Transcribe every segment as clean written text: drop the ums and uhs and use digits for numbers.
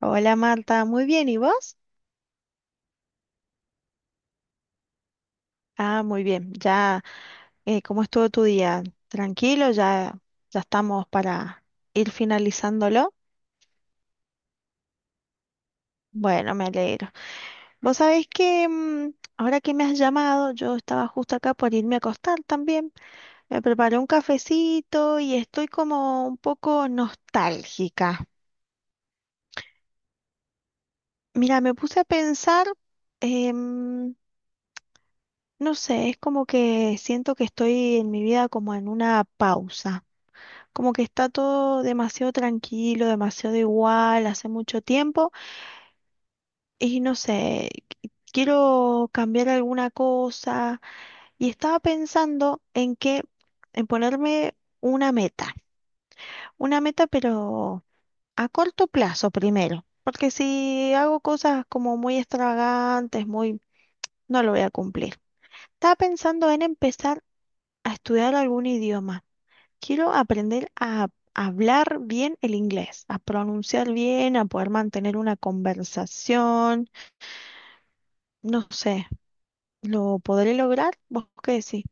Hola Marta, muy bien, ¿y vos? Ah, muy bien, ya, ¿cómo estuvo tu día? ¿Tranquilo? ¿Ya, ya estamos para ir finalizándolo? Bueno, me alegro. Vos sabés que ahora que me has llamado, yo estaba justo acá por irme a acostar también. Me preparé un cafecito y estoy como un poco nostálgica. Mira, me puse a pensar, em, no sé, es como que siento que estoy en mi vida como en una pausa. Como que está todo demasiado tranquilo, demasiado igual, hace mucho tiempo y no sé, quiero cambiar alguna cosa y estaba pensando en que, en ponerme una meta, una meta pero a corto plazo primero, porque si hago cosas como muy extravagantes, muy, no lo voy a cumplir. Estaba pensando en empezar a estudiar algún idioma. Quiero aprender a hablar bien el inglés, a pronunciar bien, a poder mantener una conversación. No sé, ¿lo podré lograr? ¿Vos qué decís?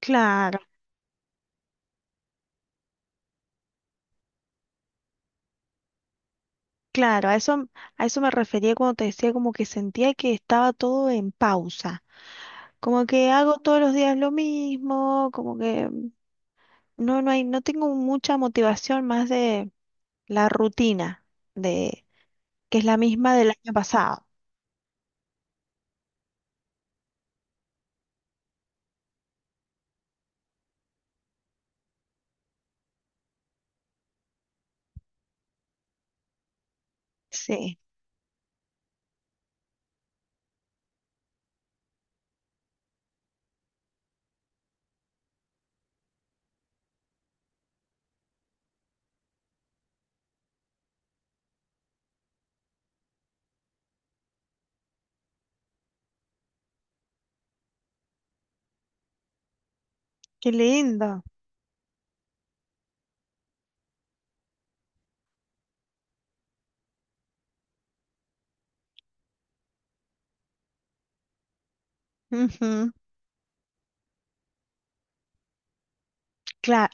Claro, claro, a eso me refería cuando te decía como que sentía que estaba todo en pausa. Como que hago todos los días lo mismo, como que no, no hay, no tengo mucha motivación más de la rutina de que es la misma del año pasado. Sí, qué lindo. Claro,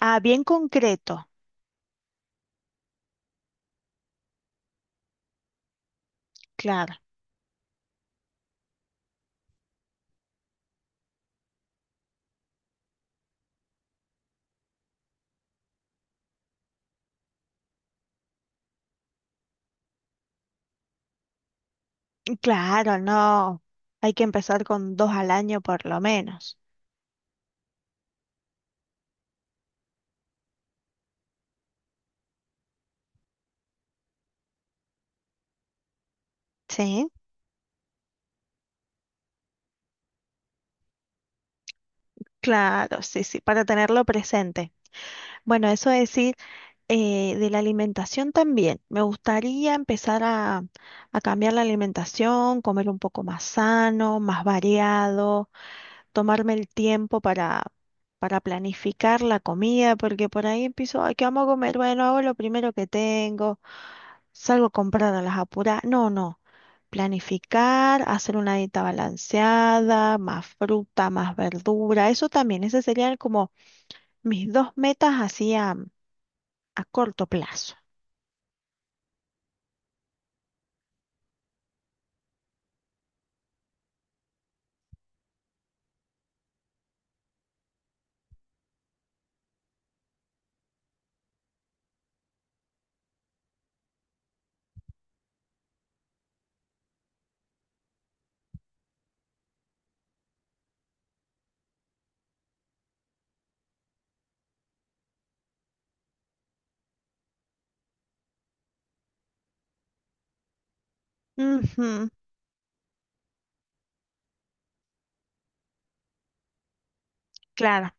ah, bien concreto, claro, claro, no, hay que empezar con dos al año por lo menos, ¿sí? Claro, sí, sí, para tenerlo presente. Bueno, eso es decir, de la alimentación también, me gustaría empezar a cambiar la alimentación, comer un poco más sano, más variado, tomarme el tiempo para planificar la comida, porque por ahí empiezo, ay, ¿qué vamos a comer? Bueno, hago lo primero que tengo. Salgo a comprar a las apuras. No, no. Planificar, hacer una dieta balanceada, más fruta, más verdura. Eso también, esas serían como mis dos metas así a corto plazo. Ujú, claro.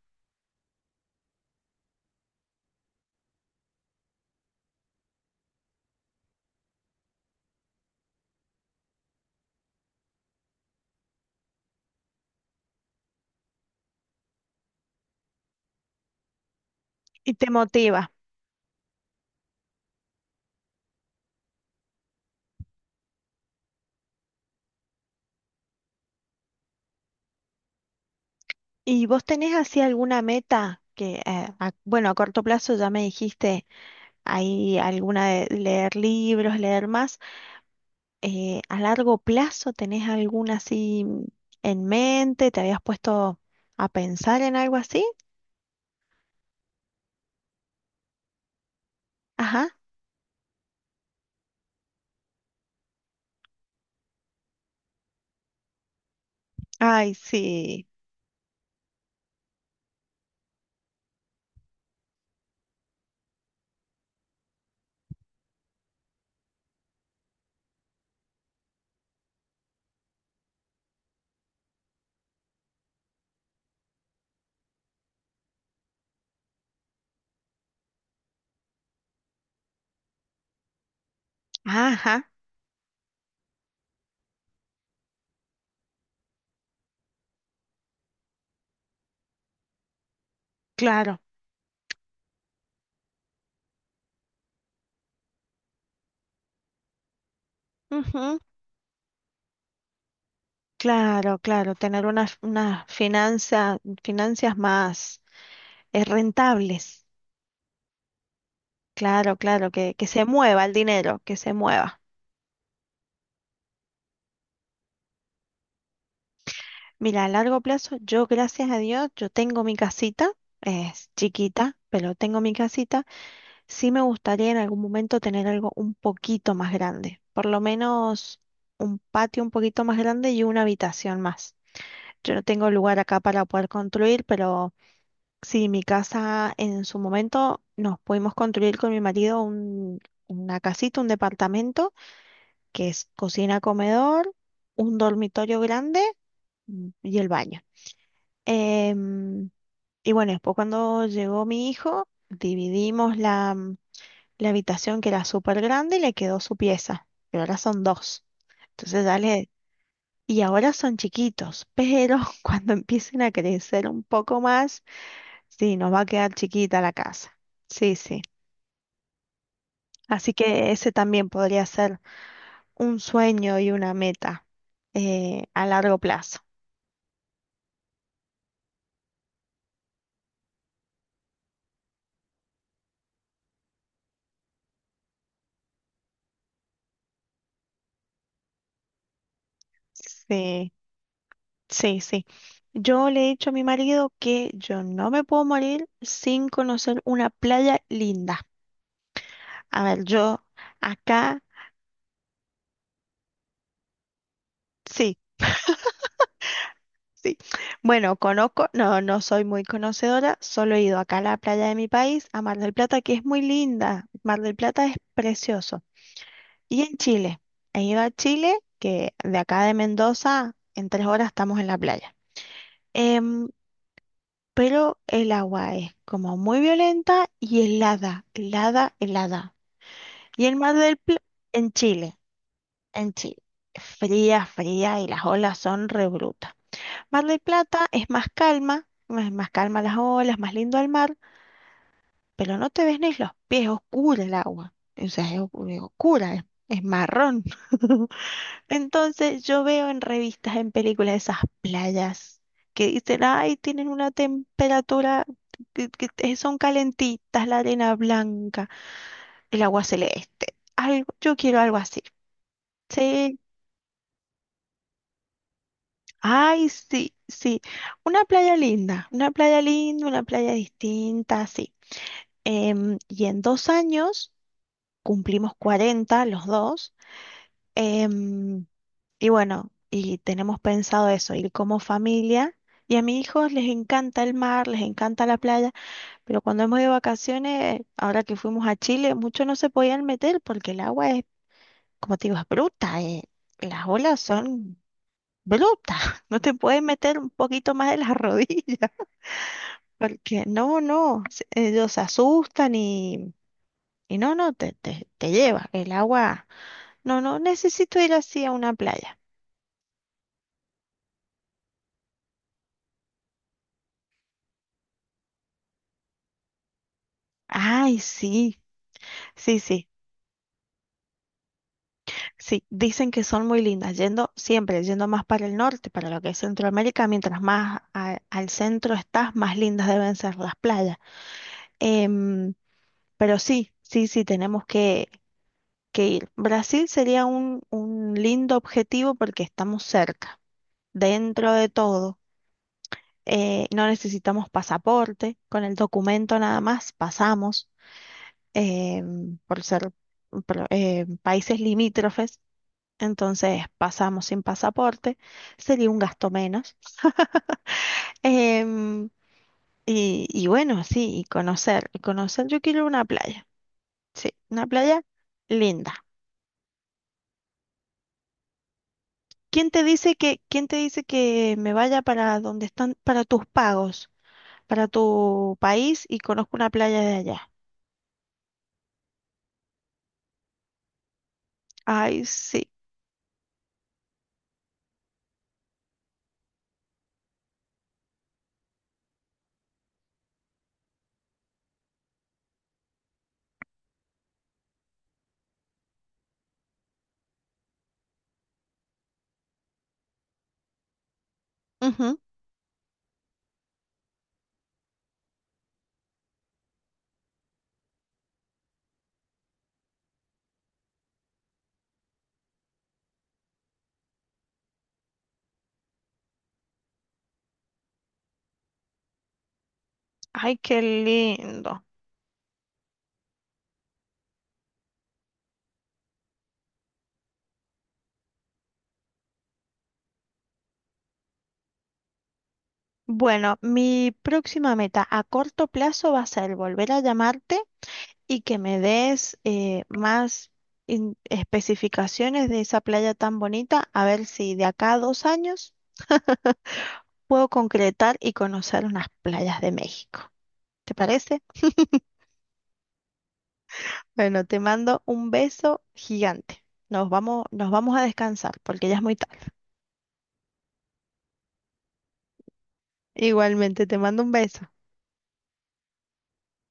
Y te motiva. ¿Y vos tenés así alguna meta que, bueno, a corto plazo ya me dijiste ahí alguna de leer libros, leer más? ¿A largo plazo tenés alguna así en mente? ¿Te habías puesto a pensar en algo así? Ajá. Ay, sí. Ajá, claro. Ujú. Claro, claro. Tener unas finanzas más rentables. Claro, claro, que se mueva el dinero, que se mueva. Mira, a largo plazo, yo gracias a Dios, yo tengo mi casita, es chiquita, pero tengo mi casita. Sí me gustaría en algún momento tener algo un poquito más grande, por lo menos un patio un poquito más grande y una habitación más. Yo no tengo lugar acá para poder construir, pero sí, mi casa en su momento nos pudimos construir con mi marido una casita, un departamento, que es cocina, comedor, un dormitorio grande y el baño. Em, y bueno, después cuando llegó mi hijo, dividimos la habitación que era súper grande y le quedó su pieza, pero ahora son dos. Entonces dale, y ahora son chiquitos, pero cuando empiecen a crecer un poco más, sí, nos va a quedar chiquita la casa. Sí, sí. Así que ese también podría ser un sueño y una meta a largo plazo. Sí, sí, sí. Yo le he dicho a mi marido que yo no me puedo morir sin conocer una playa linda. A ver, yo acá, sí. Sí. Bueno, conozco, no, no soy muy conocedora, solo he ido acá a la playa de mi país, a Mar del Plata, que es muy linda. Mar del Plata es precioso. Y en Chile, he ido a Chile, que de acá de Mendoza, en 3 horas estamos en la playa. Em, pero el agua es como muy violenta y helada, helada, helada. Y el Mar del Plata, en Chile, en Chile, fría, fría y las olas son re brutas. Mar del Plata es más calma, más calma las olas, más lindo el mar, pero no te ves ni los pies, oscura el agua. O sea, es, es oscura, es marrón. Entonces yo veo en revistas, en películas esas playas que dicen, ay, tienen una temperatura que son calentitas, la arena blanca, el agua celeste. Algo, yo quiero algo así. Sí. Ay, sí, sí. Una playa linda, una playa linda, una playa distinta, sí. Y en 2 años cumplimos 40 los dos. em, y bueno, y tenemos pensado eso, ir como familia. Y a mis hijos les encanta el mar, les encanta la playa, pero cuando hemos ido de vacaciones, ahora que fuimos a Chile, muchos no se podían meter porque el agua es, como te digo, es bruta. Las olas son brutas. No te puedes meter un poquito más de las rodillas. Porque no, no, ellos se asustan y, no, no, te lleva el agua. No, no, necesito ir así a una playa. Ay, sí, sí, sí, sí, dicen que son muy lindas, yendo siempre, yendo más para el norte, para lo que es Centroamérica, mientras más al centro estás, más lindas deben ser las playas. Em, pero sí, sí, sí, tenemos que ir. Brasil sería un lindo objetivo porque estamos cerca, dentro de todo. No necesitamos pasaporte, con el documento nada más pasamos eh, por ser países limítrofes, entonces pasamos sin pasaporte, sería un gasto menos. Em, y bueno, sí, y conocer, yo quiero una playa, sí, una playa linda. ¿Quién te dice que me vaya para donde están, para tus pagos, para tu país y conozco una playa de allá? Ay, sí. Ay, qué lindo. Bueno, mi próxima meta a corto plazo va a ser volver a llamarte y que me des más especificaciones de esa playa tan bonita, a ver si de acá a 2 años puedo concretar y conocer unas playas de México. ¿Te parece? Bueno, te mando un beso gigante. Nos vamos a descansar porque ya es muy tarde. Igualmente, te mando un beso.